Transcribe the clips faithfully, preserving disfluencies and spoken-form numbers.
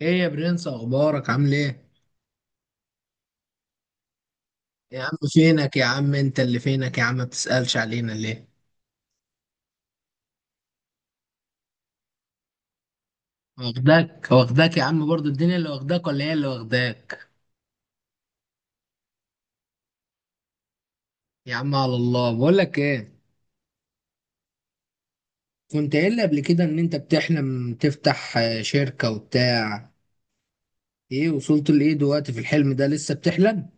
ايه يا برنس، اخبارك؟ عامل ايه؟ يا عم فينك؟ يا عم انت اللي فينك، يا عم ما بتسألش علينا ليه؟ واخداك واخداك يا عم، برضو الدنيا اللي واخداك ولا هي اللي واخداك؟ يا عم، على الله، بقول لك ايه. كنت قايل لي قبل كده ان انت بتحلم تفتح آه، شركة وبتاع. ايه وصلت لايه دلوقتي في الحلم ده؟ لسه بتحلم؟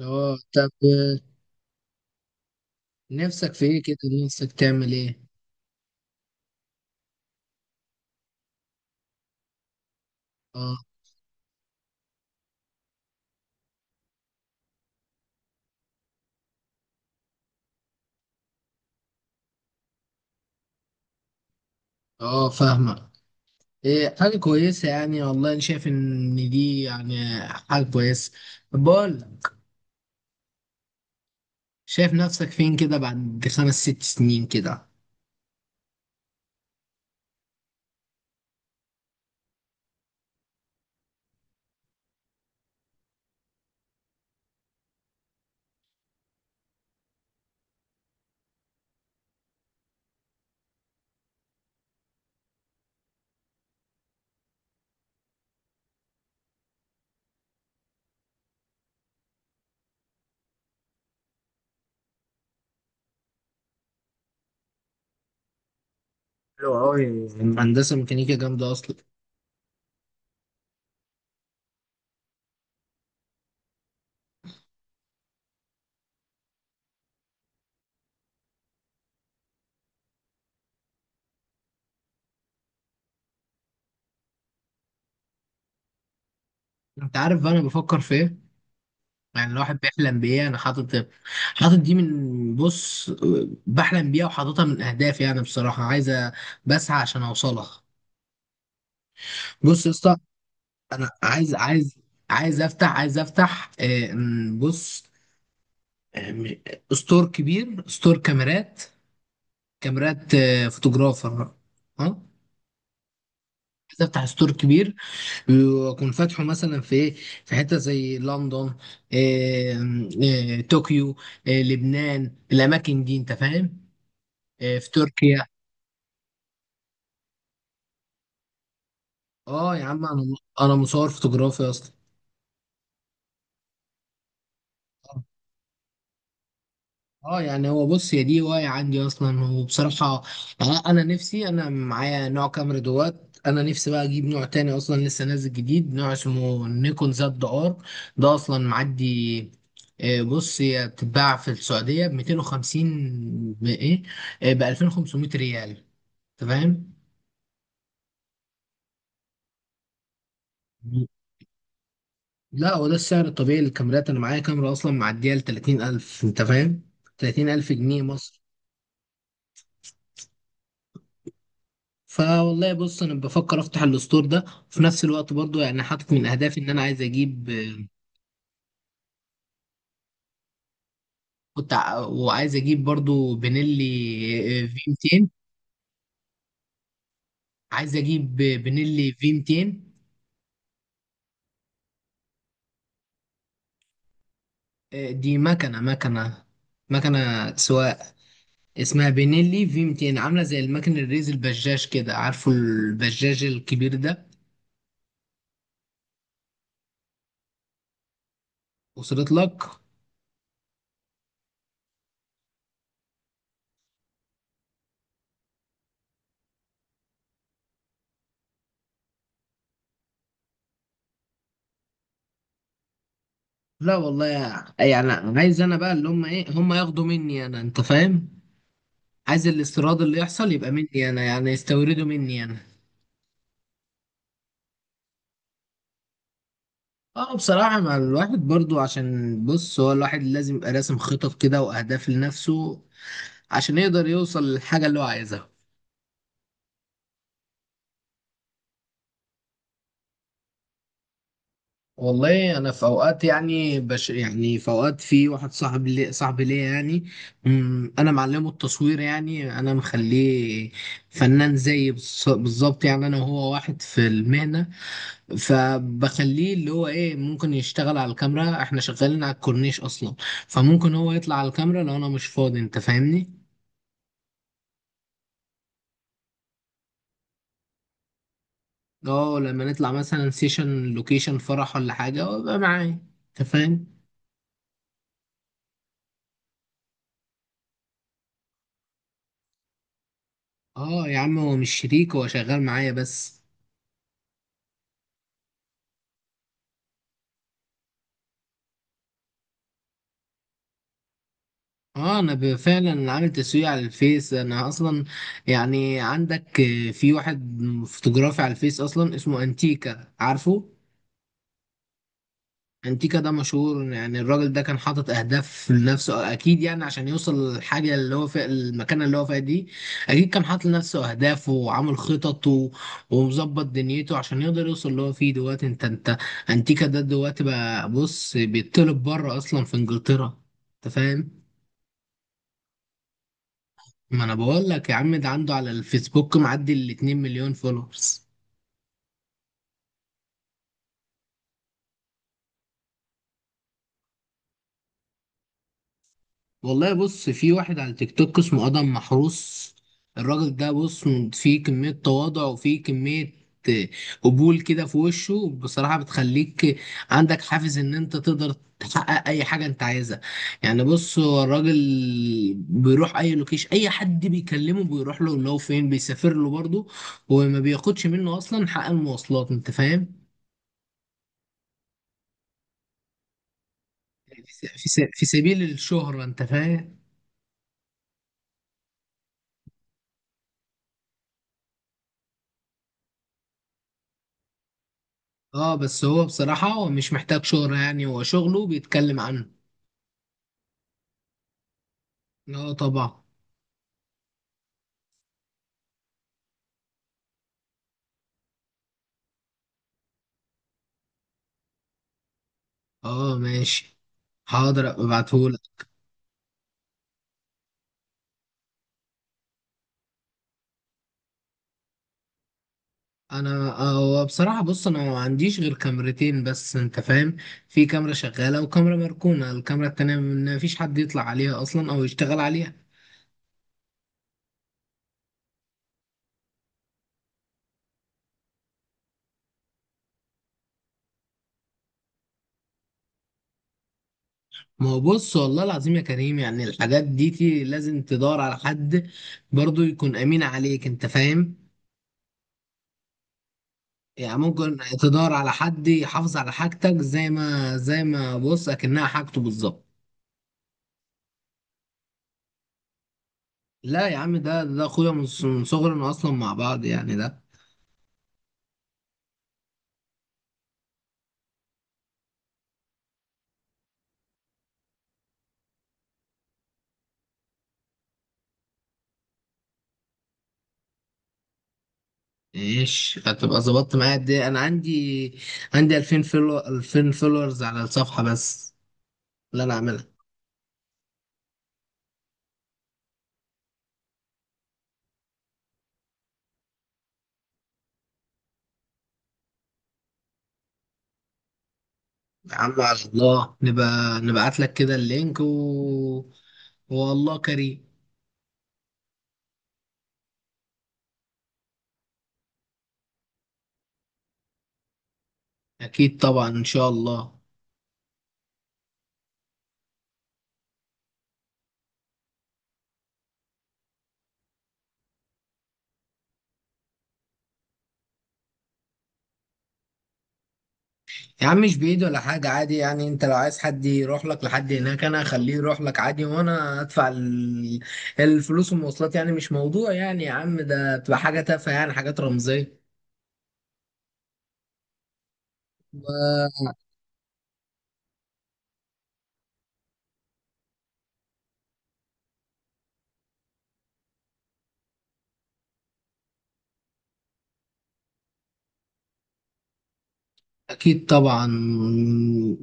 اه، طب، آه، نفسك في ايه كده؟ نفسك تعمل ايه؟ اه. اه، فاهمك. ايه، حاجة كويسة يعني، والله انا شايف ان دي يعني حاجة كويسة. بقول. شايف نفسك فين كده بعد خمس ست سنين كده؟ حلو أوي، هندسة ميكانيكا جامدة أصلا. أنت عارف بقى أنا بفكر في إيه؟ يعني الواحد بيحلم بإيه؟ أنا حاطط حاطط دي، من، بص، بحلم بيها وحاططها من أهدافي، يعني بصراحة عايز أ- بسعى عشان أوصلها. بص يا اسطى، أنا عايز عايز عايز أفتح عايز أفتح آه، م- بص آه، م- ستور كبير، ستور كاميرات كاميرات آه، فوتوغرافر. أه. عايز أفتح ستور كبير، بيكون فاتحه مثلا في إيه؟ في حته زي لندن، آه، آه، طوكيو، آه، لبنان، الاماكن دي انت فاهم؟ آه، في تركيا. اه، يا عم، انا انا مصور فوتوغرافي اصلا. اه، يعني هو، بص، هي دي هواية عندي اصلا، وبصراحة يعني انا نفسي، انا معايا نوع كاميرا دوات، انا نفسي بقى اجيب نوع تاني اصلا، لسه نازل جديد، نوع اسمه نيكون زد ار، ده اصلا معدي. آه، بص، هي بتتباع في السعودية ب مئتين وخمسين، بايه، ب الفين وخمسمية ريال. انت فاهم؟ لا، هو ده السعر الطبيعي للكاميرات. انا معايا كاميرا اصلا معدية ل تلاتين الف. انت فاهم؟ تلاتين الف جنيه مصري. فوالله، بص، انا بفكر افتح الستور ده، وفي نفس الوقت برضو يعني حاطط من اهدافي ان انا عايز اجيب آه، كنت ع- وعايز اجيب برضو بنيلي آه، في مئتين. عايز اجيب آه، بنيلي في مئتين. آه، دي مكنه مكنه مكنه سواق، اسمها بنيلي في مئتين، عامله زي المكن الريز البجاج كده، عارفه البجاج الكبير ده؟ وصلت لك؟ لا والله. يعني عايز انا بقى، اللي هم ايه، هم ياخدوا مني انا، انت فاهم؟ عايز الاستيراد اللي يحصل يبقى مني انا، يعني يستورده مني انا. اه، بصراحة مع الواحد برضو، عشان بص هو الواحد لازم يبقى راسم خطط كده واهداف لنفسه، عشان يقدر يوصل للحاجة اللي هو عايزها. والله انا في اوقات، يعني بش يعني، في اوقات في واحد صاحب لي صاحبي ليا يعني مم، انا معلمه التصوير، يعني انا مخليه فنان زيي، بص- بالظبط، يعني انا وهو واحد في المهنة. فبخليه اللي هو ايه، ممكن يشتغل على الكاميرا، احنا شغالين على الكورنيش اصلا، فممكن هو يطلع على الكاميرا لو انا مش فاضي، انت فاهمني؟ اه، لما نطلع مثلا سيشن، لوكيشن فرح ولا حاجة، وابقى معايا، انت فاهم؟ اه، يا عم، هو مش شريك، هو شغال معايا بس. اه، انا ب- فعلا عامل تسويق على الفيس، انا اصلا. يعني عندك آه، في واحد فوتوغرافي على الفيس اصلا، اسمه انتيكا، عارفه؟ انتيكا ده مشهور، يعني الراجل ده كان حاطط اهداف لنفسه اكيد، يعني عشان يوصل للحاجه اللي هو فيها، المكانه اللي هو فيها دي، اكيد كان حاطط لنفسه اهداف، وعامل خطط و- ومظبط دنيته، عشان يقدر يوصل اللي هو فيه دلوقتي. انت انت انتيكا ده دلوقتي بقى، بص، بيطلب بره اصلا، في انجلترا. انت فاهم؟ ما انا بقول لك يا عم، ده عنده على الفيسبوك معدي ال اتنين مليون فولورز. والله، بص، في واحد على تيك توك اسمه ادم محروس. الراجل ده، بص، فيه كمية تواضع، وفيه كمية آه، قبول كده في وشه، بصراحة بتخليك عندك حافز ان انت تقدر تحقق اي حاجة انت عايزها. يعني بص، هو الراجل بيروح اي لوكيش اي حد بيكلمه بيروح له، لو فين بيسافر له برضه، وما بياخدش منه اصلا حق المواصلات، انت فاهم؟ في في- في سبيل الشهرة، انت فاهم؟ اه، بس هو بصراحة هو مش محتاج شهرة، يعني هو شغله بيتكلم عنه. اه، طبعا. اه، ماشي. حاضر، أبقى ابعتهولك. انا آه، هو بصراحة، بص، انا ما عنديش غير كاميرتين بس، انت فاهم؟ في كاميرا شغالة وكاميرا مركونة، الكاميرا التانية ما فيش حد يطلع عليها اصلا او يشتغل عليها. ما هو بص، والله العظيم يا كريم، يعني الحاجات دي تي- لازم تدور على حد برضو يكون امين عليك، انت فاهم؟ يعني ممكن تدور على حد يحافظ على حاجتك زي ما زي ما بص اكنها حاجته بالظبط. لا يا عم، ده ده اخويا من ص- من صغرنا اصلا مع بعض، يعني ده. ايش هتبقى ظبطت معايا قد ايه؟ انا عندي عندي الفين فيلو الفين فولورز على الصفحه بس، اللي انا اعملها. يا عم، على الله نبقى نبعت لك كده اللينك و... والله كريم. اكيد طبعا، ان شاء الله. يا عم، مش بعيد ولا حاجة، عادي يعني، انت لو عايز حد يروح لك لحد هناك، انا اخليه يروح لك عادي، وانا ادفع ال- الفلوس والمواصلات، يعني مش موضوع، يعني يا عم ده بتبقى حاجة تافهة يعني، حاجات رمزية. اكيد طبعا.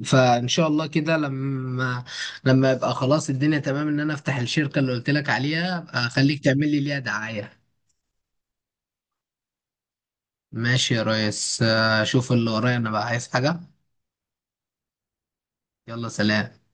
فان شاء الله كده، لما لما يبقى خلاص الدنيا تمام، ان انا افتح الشركة اللي قلت لك عليها، أبقى اخليك تعمل لي ليها دعاية. ماشي يا ريس، آه، اشوف اللي ورايا انا بقى، عايز حاجة. يلا، سلام.